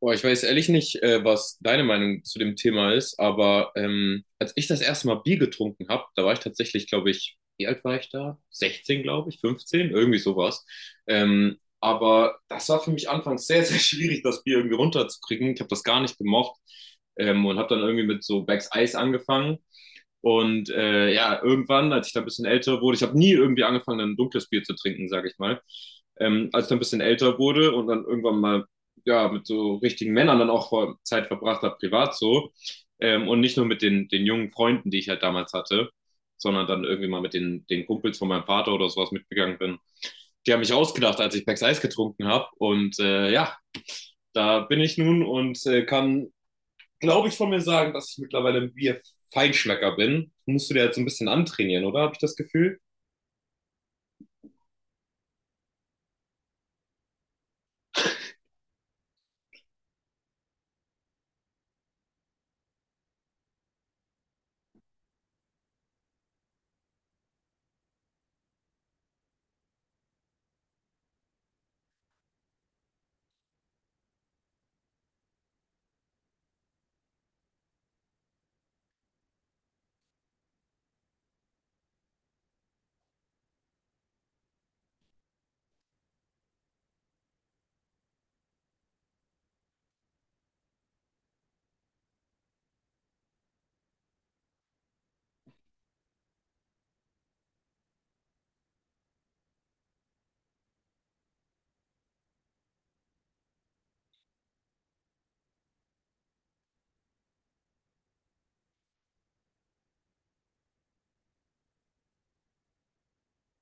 Boah, ich weiß ehrlich nicht, was deine Meinung zu dem Thema ist, aber als ich das erste Mal Bier getrunken habe, da war ich tatsächlich, glaube ich, wie alt war ich da? 16, glaube ich, 15, irgendwie sowas. Aber das war für mich anfangs sehr, sehr schwierig, das Bier irgendwie runterzukriegen. Ich habe das gar nicht gemocht, und habe dann irgendwie mit so Beck's Eis angefangen. Und ja, irgendwann, als ich da ein bisschen älter wurde, ich habe nie irgendwie angefangen, ein dunkles Bier zu trinken, sage ich mal. Als ich dann ein bisschen älter wurde und dann irgendwann mal ja, mit so richtigen Männern dann auch vor Zeit verbracht habe, privat so. Und nicht nur mit den jungen Freunden, die ich halt damals hatte, sondern dann irgendwie mal mit den Kumpels von meinem Vater oder sowas mitgegangen bin. Die haben mich ausgedacht, als ich Becks Eis getrunken habe. Und ja, da bin ich nun und kann, glaube ich, von mir sagen, dass ich mittlerweile ein Bier-Feinschmecker bin. Musst du dir jetzt so ein bisschen antrainieren, oder? Habe ich das Gefühl?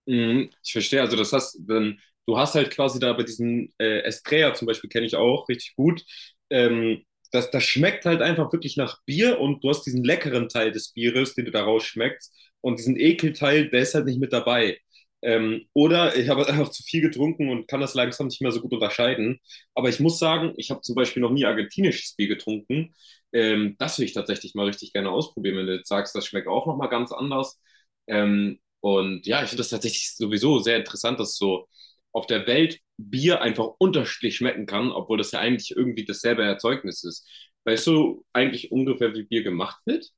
Mhm, ich verstehe, also das hast, dann, du hast halt quasi da bei diesem Estrella zum Beispiel, kenne ich auch richtig gut, ähm, das schmeckt halt einfach wirklich nach Bier und du hast diesen leckeren Teil des Bieres, den du da rausschmeckst und diesen Ekelteil, der ist halt nicht mit dabei. Oder ich habe einfach zu viel getrunken und kann das langsam nicht mehr so gut unterscheiden. Aber ich muss sagen, ich habe zum Beispiel noch nie argentinisches Bier getrunken. Das will ich tatsächlich mal richtig gerne ausprobieren, wenn du jetzt sagst, das schmeckt auch nochmal ganz anders. Ähm, und ja, ich finde das tatsächlich sowieso sehr interessant, dass so auf der Welt Bier einfach unterschiedlich schmecken kann, obwohl das ja eigentlich irgendwie dasselbe Erzeugnis ist. Weißt du eigentlich ungefähr, wie Bier gemacht wird?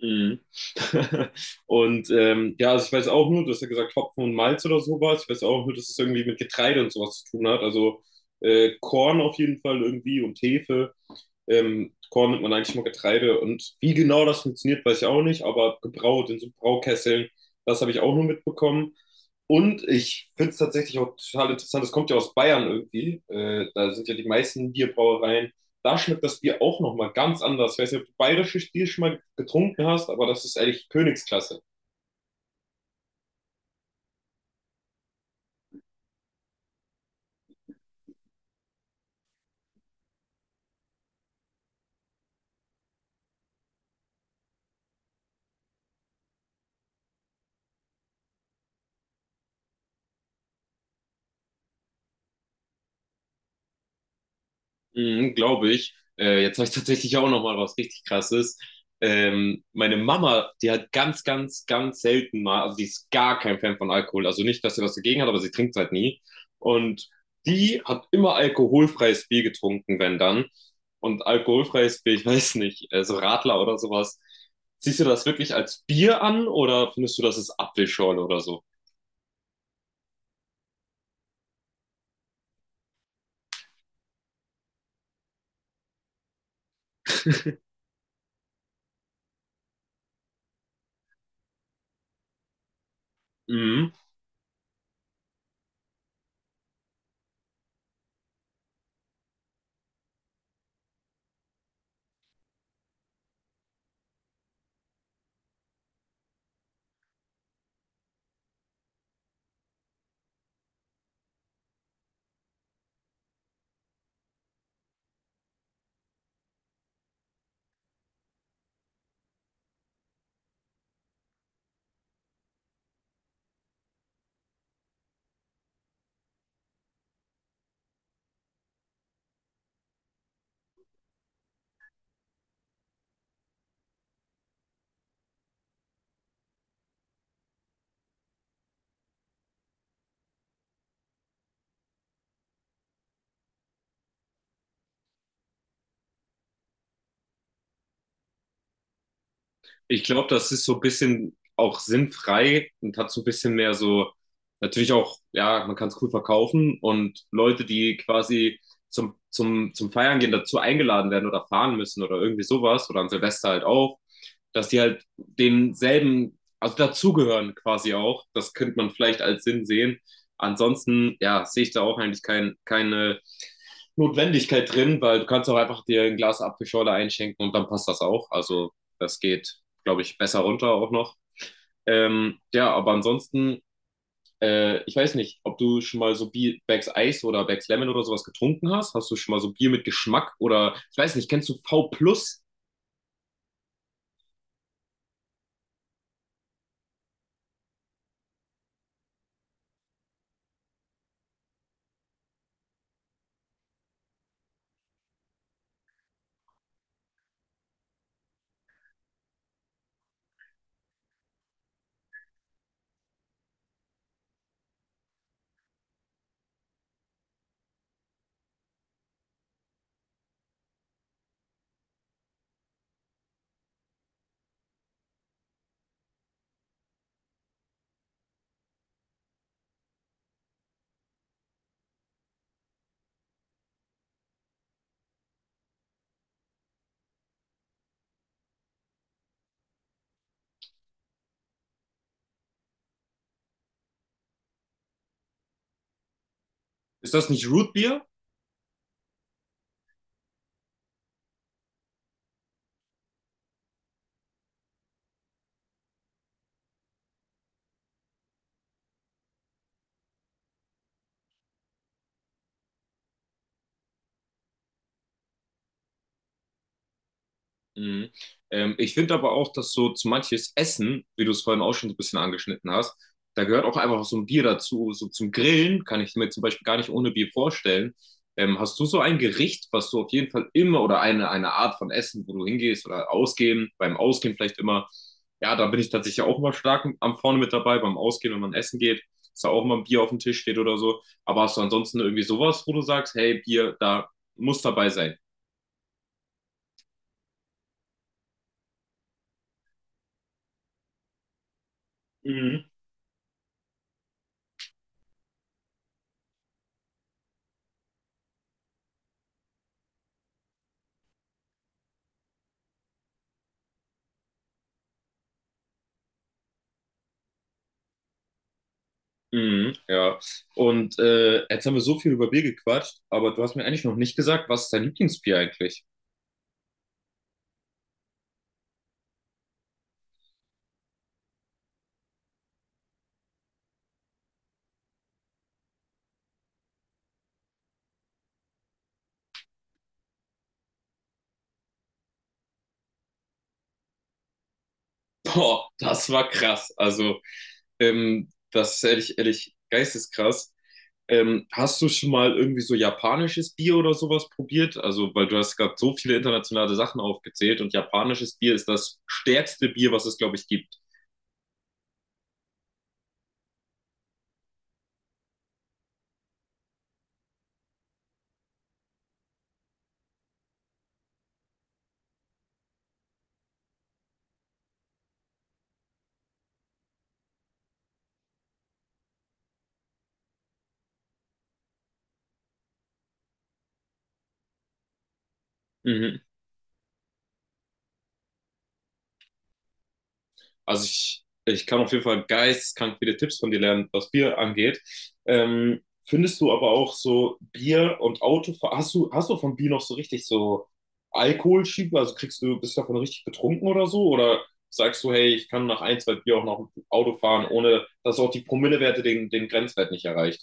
Mhm. Und ja, also ich weiß auch nur, du hast ja gesagt Hopfen und Malz oder sowas. Ich weiß auch nur, dass es irgendwie mit Getreide und sowas zu tun hat. Also Korn auf jeden Fall irgendwie und Hefe. Korn nimmt man eigentlich nur Getreide. Und wie genau das funktioniert, weiß ich auch nicht. Aber gebraut in so Braukesseln, das habe ich auch nur mitbekommen. Und ich finde es tatsächlich auch total interessant, das kommt ja aus Bayern irgendwie. Da sind ja die meisten Bierbrauereien, da schmeckt das Bier auch nochmal ganz anders. Ich weiß nicht, ob du bayerisches Bier schon mal getrunken hast, aber das ist ehrlich Königsklasse. Mhm, glaube ich. Jetzt habe ich tatsächlich auch noch mal was richtig Krasses. Meine Mama, die hat ganz, ganz, ganz selten mal, also die ist gar kein Fan von Alkohol. Also nicht, dass sie was dagegen hat, aber sie trinkt es halt nie. Und die hat immer alkoholfreies Bier getrunken, wenn dann. Und alkoholfreies Bier, ich weiß nicht, so Radler oder sowas. Siehst du das wirklich als Bier an oder findest du, das ist Apfelschorle oder so? Mhm. Ich glaube, das ist so ein bisschen auch sinnfrei und hat so ein bisschen mehr so, natürlich auch, ja, man kann es cool verkaufen und Leute, die quasi zum Feiern gehen, dazu eingeladen werden oder fahren müssen oder irgendwie sowas oder an Silvester halt auch, dass die halt denselben, also dazugehören quasi auch. Das könnte man vielleicht als Sinn sehen. Ansonsten, ja, sehe ich da auch eigentlich kein, keine Notwendigkeit drin, weil du kannst auch einfach dir ein Glas Apfelschorle einschenken und dann passt das auch. Also das geht, glaube ich, besser runter auch noch. Ja, aber ansonsten, ich weiß nicht, ob du schon mal so Bier, Bags Eis oder Bags Lemon oder sowas getrunken hast. Hast du schon mal so Bier mit Geschmack oder, ich weiß nicht, kennst du V Plus? Ist das nicht Root Beer? Mhm. Ich finde aber auch, dass so zu manches Essen, wie du es vorhin auch schon so ein bisschen angeschnitten hast, da gehört auch einfach so ein Bier dazu. So zum Grillen kann ich mir zum Beispiel gar nicht ohne Bier vorstellen. Hast du so ein Gericht, was du auf jeden Fall immer oder eine Art von Essen, wo du hingehst oder ausgehen, beim Ausgehen vielleicht immer? Ja, da bin ich tatsächlich auch immer stark am vorne mit dabei, beim Ausgehen, wenn man essen geht, dass da auch immer ein Bier auf dem Tisch steht oder so. Aber hast du ansonsten irgendwie sowas, wo du sagst, hey, Bier, da muss dabei sein? Mhm. Mhm, ja. Und jetzt haben wir so viel über Bier gequatscht, aber du hast mir eigentlich noch nicht gesagt, was ist dein Lieblingsbier eigentlich? Boah, das war krass. Also, das ist ehrlich, ehrlich, geisteskrass. Hast du schon mal irgendwie so japanisches Bier oder sowas probiert? Also, weil du hast gerade so viele internationale Sachen aufgezählt und japanisches Bier ist das stärkste Bier, was es, glaube ich, gibt. Mhm. Also ich kann auf jeden Fall geisteskrank viele Tipps von dir lernen, was Bier angeht. Findest du aber auch so Bier und Auto, hast du von Bier noch so richtig so Alkoholschiebe? Also kriegst du, bist du davon richtig betrunken oder so? Oder sagst du, hey, ich kann nach ein, zwei Bier auch noch Auto fahren, ohne dass auch die Promillewerte den Grenzwert nicht erreicht?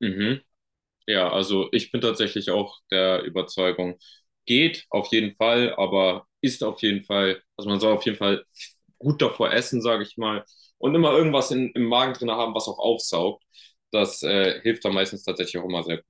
Mhm. Ja, also ich bin tatsächlich auch der Überzeugung, geht auf jeden Fall, aber ist auf jeden Fall, also man soll auf jeden Fall gut davor essen, sage ich mal, und immer irgendwas in, im Magen drin haben, was auch aufsaugt. Das hilft dann meistens tatsächlich auch immer sehr.